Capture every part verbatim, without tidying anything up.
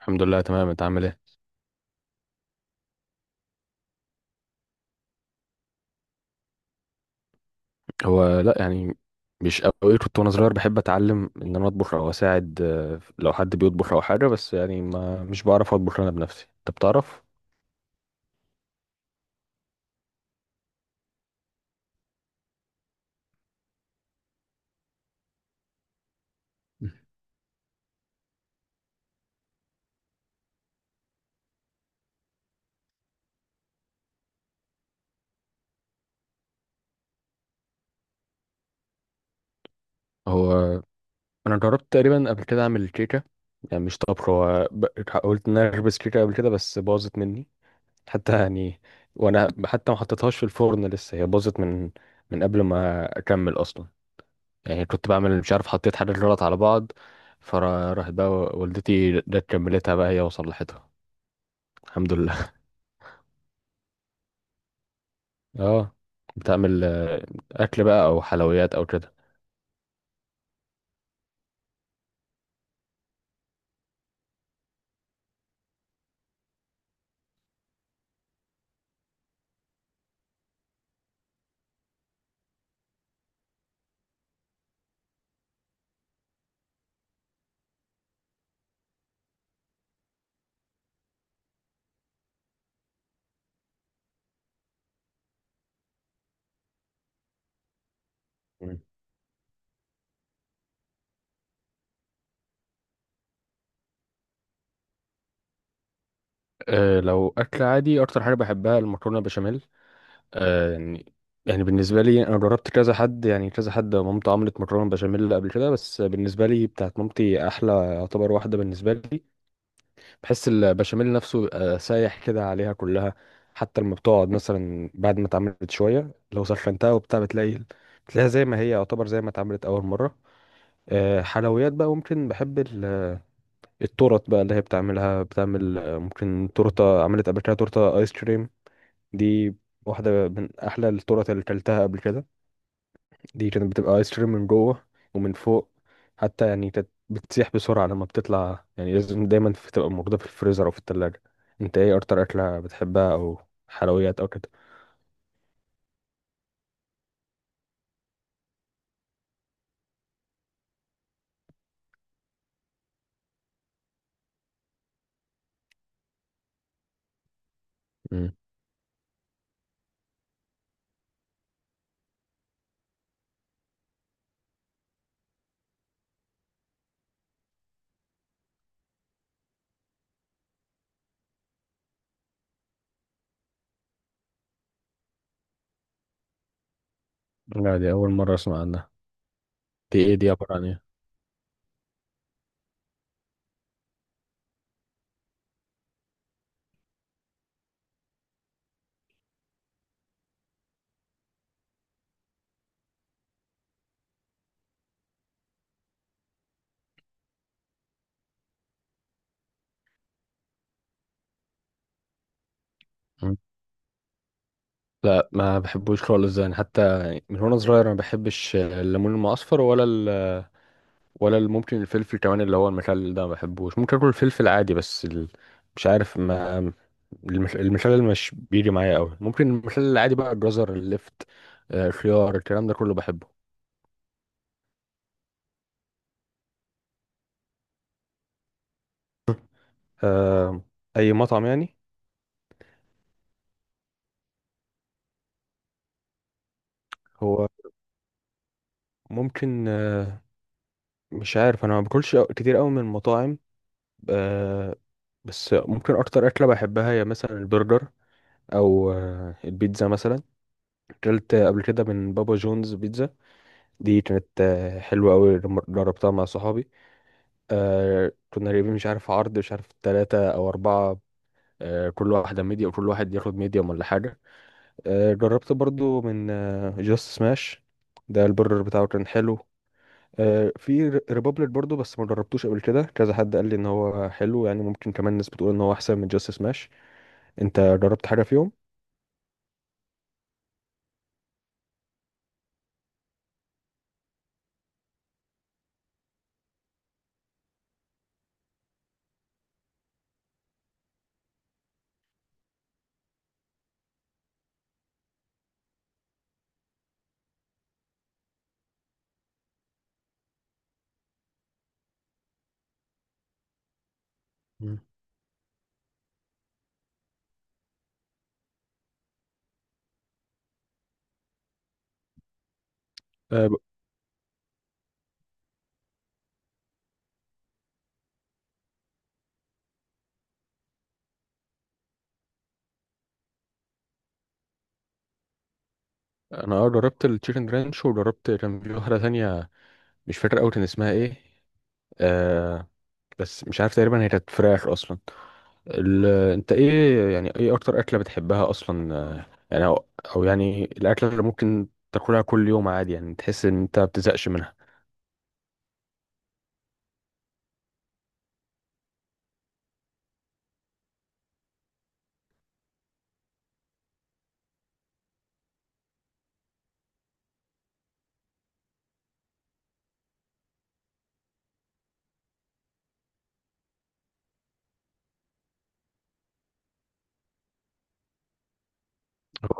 الحمد لله، تمام. انت عامل ايه؟ هو لا يعني مش قوي. كنت وانا صغير بحب اتعلم ان انا اطبخ او اساعد، آه، لو حد بيطبخ او حاجه. بس يعني ما مش بعرف اطبخ انا بنفسي. انت بتعرف؟ هو انا جربت تقريبا قبل كده اعمل كيكه. يعني مش طبخ. هو ب- قلت ان انا اخبز كيكه قبل كده بس باظت مني. حتى يعني، وانا حتى ما حطيتهاش في الفرن لسه، هي باظت من من قبل ما اكمل اصلا. يعني كنت بعمل مش عارف، حطيت حاجات غلط على بعض. فراحت بقى والدتي جت كملتها بقى هي وصلحتها. الحمد لله. اه، بتعمل آه، اكل بقى او حلويات او كده. مم. أه، لو اكل عادي اكتر حاجه بحبها المكرونه بشاميل. أه يعني، يعني بالنسبه لي انا جربت كذا حد، يعني كذا حد مامته عملت مكرونه بشاميل قبل كده، بس بالنسبه لي بتاعت مامتي احلى، يعتبر واحده بالنسبه لي. بحس البشاميل نفسه بيبقى سايح كده عليها كلها. حتى لما بتقعد مثلا بعد ما اتعملت شويه، لو سخنتها وبتاع بتلاقي بتلاقيها زي ما هي، يعتبر زي ما اتعملت اول مره. آه، حلويات بقى، ممكن بحب ال- التورت بقى اللي هي بتعملها. بتعمل آه، ممكن تورته، عملت قبل كده تورته ايس كريم. دي واحده من احلى التورت اللي كلتها قبل كده. دي كانت بتبقى ايس كريم من جوه ومن فوق. حتى يعني كانت بتسيح بسرعة لما بتطلع، يعني لازم دايما في- تبقى موجودة في الفريزر أو في التلاجة. انت ايه أكتر أكلة بتحبها؟ أو حلويات أو كده؟ مم. لا، دي أول مرة أسمع عنها. دي إيه؟ دي عبارة عن إيه؟ مم. لا، ما بحبوش خالص. يعني حتى من وأنا صغير ما بحبش الليمون المعصفر ولا ولا ال- ممكن الفلفل كمان اللي هو المخلل ده ما بحبوش. ممكن اكل الفلفل عادي، بس ال... مش عارف. ما المخ- المخلل مش بيجي معايا قوي. ممكن المخلل العادي بقى الجزر، اللفت، آه، خيار، الكلام ده كله بحبه. آه، اي مطعم يعني. هو ممكن آه، مش عارف، انا ما باكلش كتير قوي من المطاعم. آه، بس ممكن اكتر اكله بحبها هي مثلا البرجر، او آه، البيتزا مثلا. اكلت قبل كده من بابا جونز بيتزا. دي كانت آه، حلوة أوي لما جربتها مع صحابي. آه كنا جايبين مش عارف عرض مش عارف تلاتة أو أربعة. آه كل واحدة ميديا، وكل واحد ياخد ميديوم ولا حاجة. آه جربت برضو من آه جاست سماش، ده البرجر بتاعه كان حلو. آه في ريبابليك برضو، بس ما جربتوش قبل كده. كذا حد قال لي إن هو حلو، يعني ممكن كمان ناس بتقول إن هو أحسن من جاست سماش. أنت جربت حاجة فيهم؟ مم. آه، ب- انا اه جربت التشيكن رانش، وجربت كان في واحده تانية مش فاكر قوي كان اسمها ايه. آه بس مش عارف، تقريبا هي كانت فراخ اصلا. ال... انت ايه يعني، ايه اكتر اكلة بتحبها اصلا؟ آه، يعني او, أو يعني الاكلة اللي ممكن تاكلها كل يوم عادي، يعني تحس ان انت ما بتزهقش منها.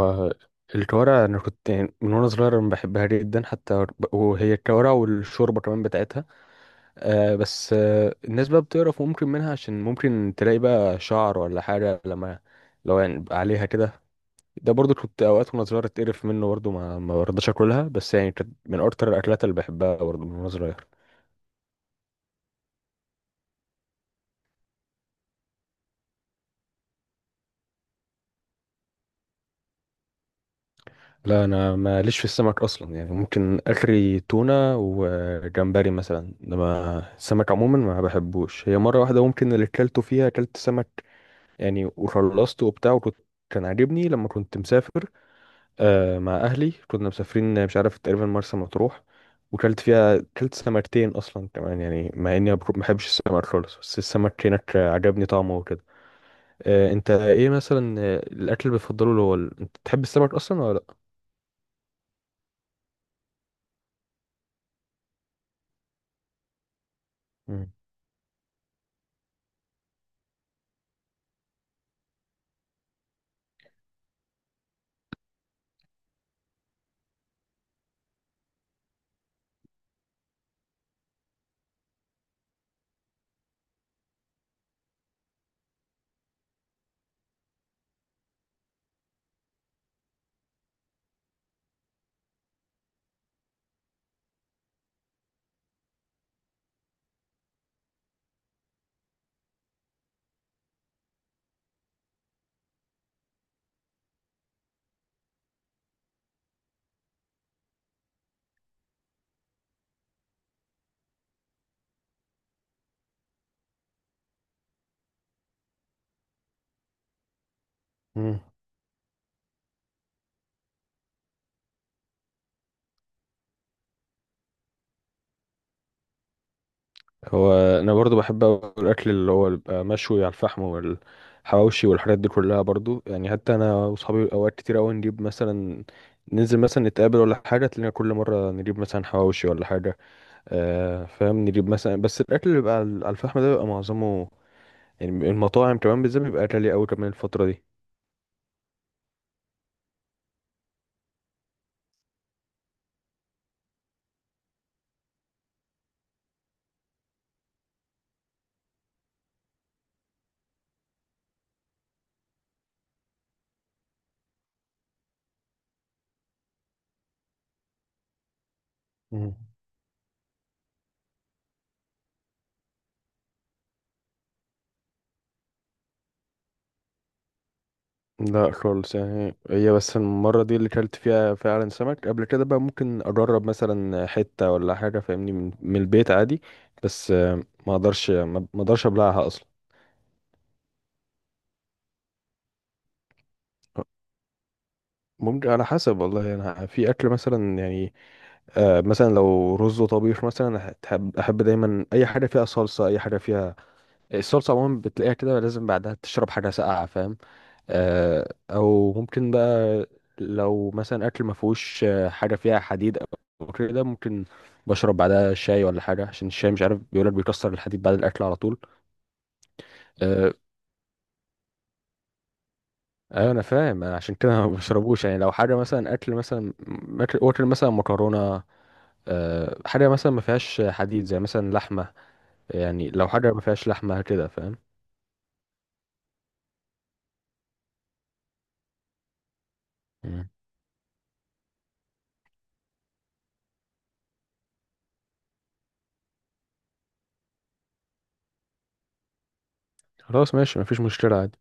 هو الكوارع انا كنت يعني من وانا صغير أنا بحبها جدا. حتى ب- وهي الكوارع والشوربة كمان بتاعتها. آه بس آه الناس بقى بتقرف ممكن منها عشان ممكن تلاقي بقى شعر ولا حاجة، لما لو يعني بقى عليها كده. ده برضو كنت اوقات وانا صغير اتقرف منه برضو، ما ما برضاش اكلها، بس يعني كانت من اكتر الاكلات اللي بحبها برضو من وانا صغير. لا، انا ماليش في السمك اصلا. يعني ممكن اخري تونة وجمبري مثلا، انما السمك عموما ما بحبوش. هي مرة واحدة ممكن اللي اكلته فيها اكلت سمك، يعني وخلصته وبتاع، وكنت كان عاجبني لما كنت مسافر. آه مع اهلي كنا مسافرين مش عارف، تقريبا مرسى مطروح. وكلت فيها كلت سمكتين اصلا كمان. يعني مع اني ما بحبش السمك خالص، بس السمك هناك عجبني طعمه وكده. آه انت ايه مثلا آه، الاكل اللي بتفضله اللي هو ال- انت بتحب السمك اصلا ولا لا؟ مم. مم. هو انا برضو بحب أوي الاكل اللي هو بيبقى مشوي على الفحم والحواوشي والحاجات دي كلها برضو. يعني حتى انا واصحابي اوقات كتير قوي نجيب مثلا، ننزل مثلا نتقابل ولا حاجه، تلاقينا كل مره نجيب مثلا حواوشي ولا حاجه. آه فاهم، نجيب مثلا، بس الاكل اللي بيبقى على على الفحم ده بيبقى معظمه، يعني المطاعم كمان بالذات بيبقى غالي قوي كمان الفتره دي. مم. لا خالص. يعني هي بس المرة دي اللي كلت فيها فعلا سمك قبل كده، بقى ممكن أجرب مثلا حتة ولا حاجة فاهمني من من البيت عادي. بس آه، ما أقدرش ما ما أقدرش أبلعها أصلا. ممكن على حسب والله. أنا في أكل مثلا يعني، آه، مثلا لو رز وطبيخ مثلا، أحب أحب دايما أي حاجة فيها صلصة، أي حاجة فيها الصلصة عموما بتلاقيها كده لازم بعدها تشرب حاجة ساقعة، فاهم؟ آه، او ممكن بقى لو مثلا اكل ما فيهوش آه، حاجه فيها حديد او كده، ممكن بشرب بعدها شاي ولا حاجه عشان الشاي مش عارف بيقولك بيكسر الحديد بعد الاكل على طول. أه، أيوة انا فاهم. آه، عشان كده ما بشربوش، يعني لو حاجه مثلا اكل مثلا، اكل أكل مثلا مكرونه. أه حاجه مثلا ما فيهاش حديد زي مثلا لحمه، يعني لو حاجه ما فيهاش لحمه كده، فاهم؟ مم. خلاص ماشي، مفيش مشكله عادي.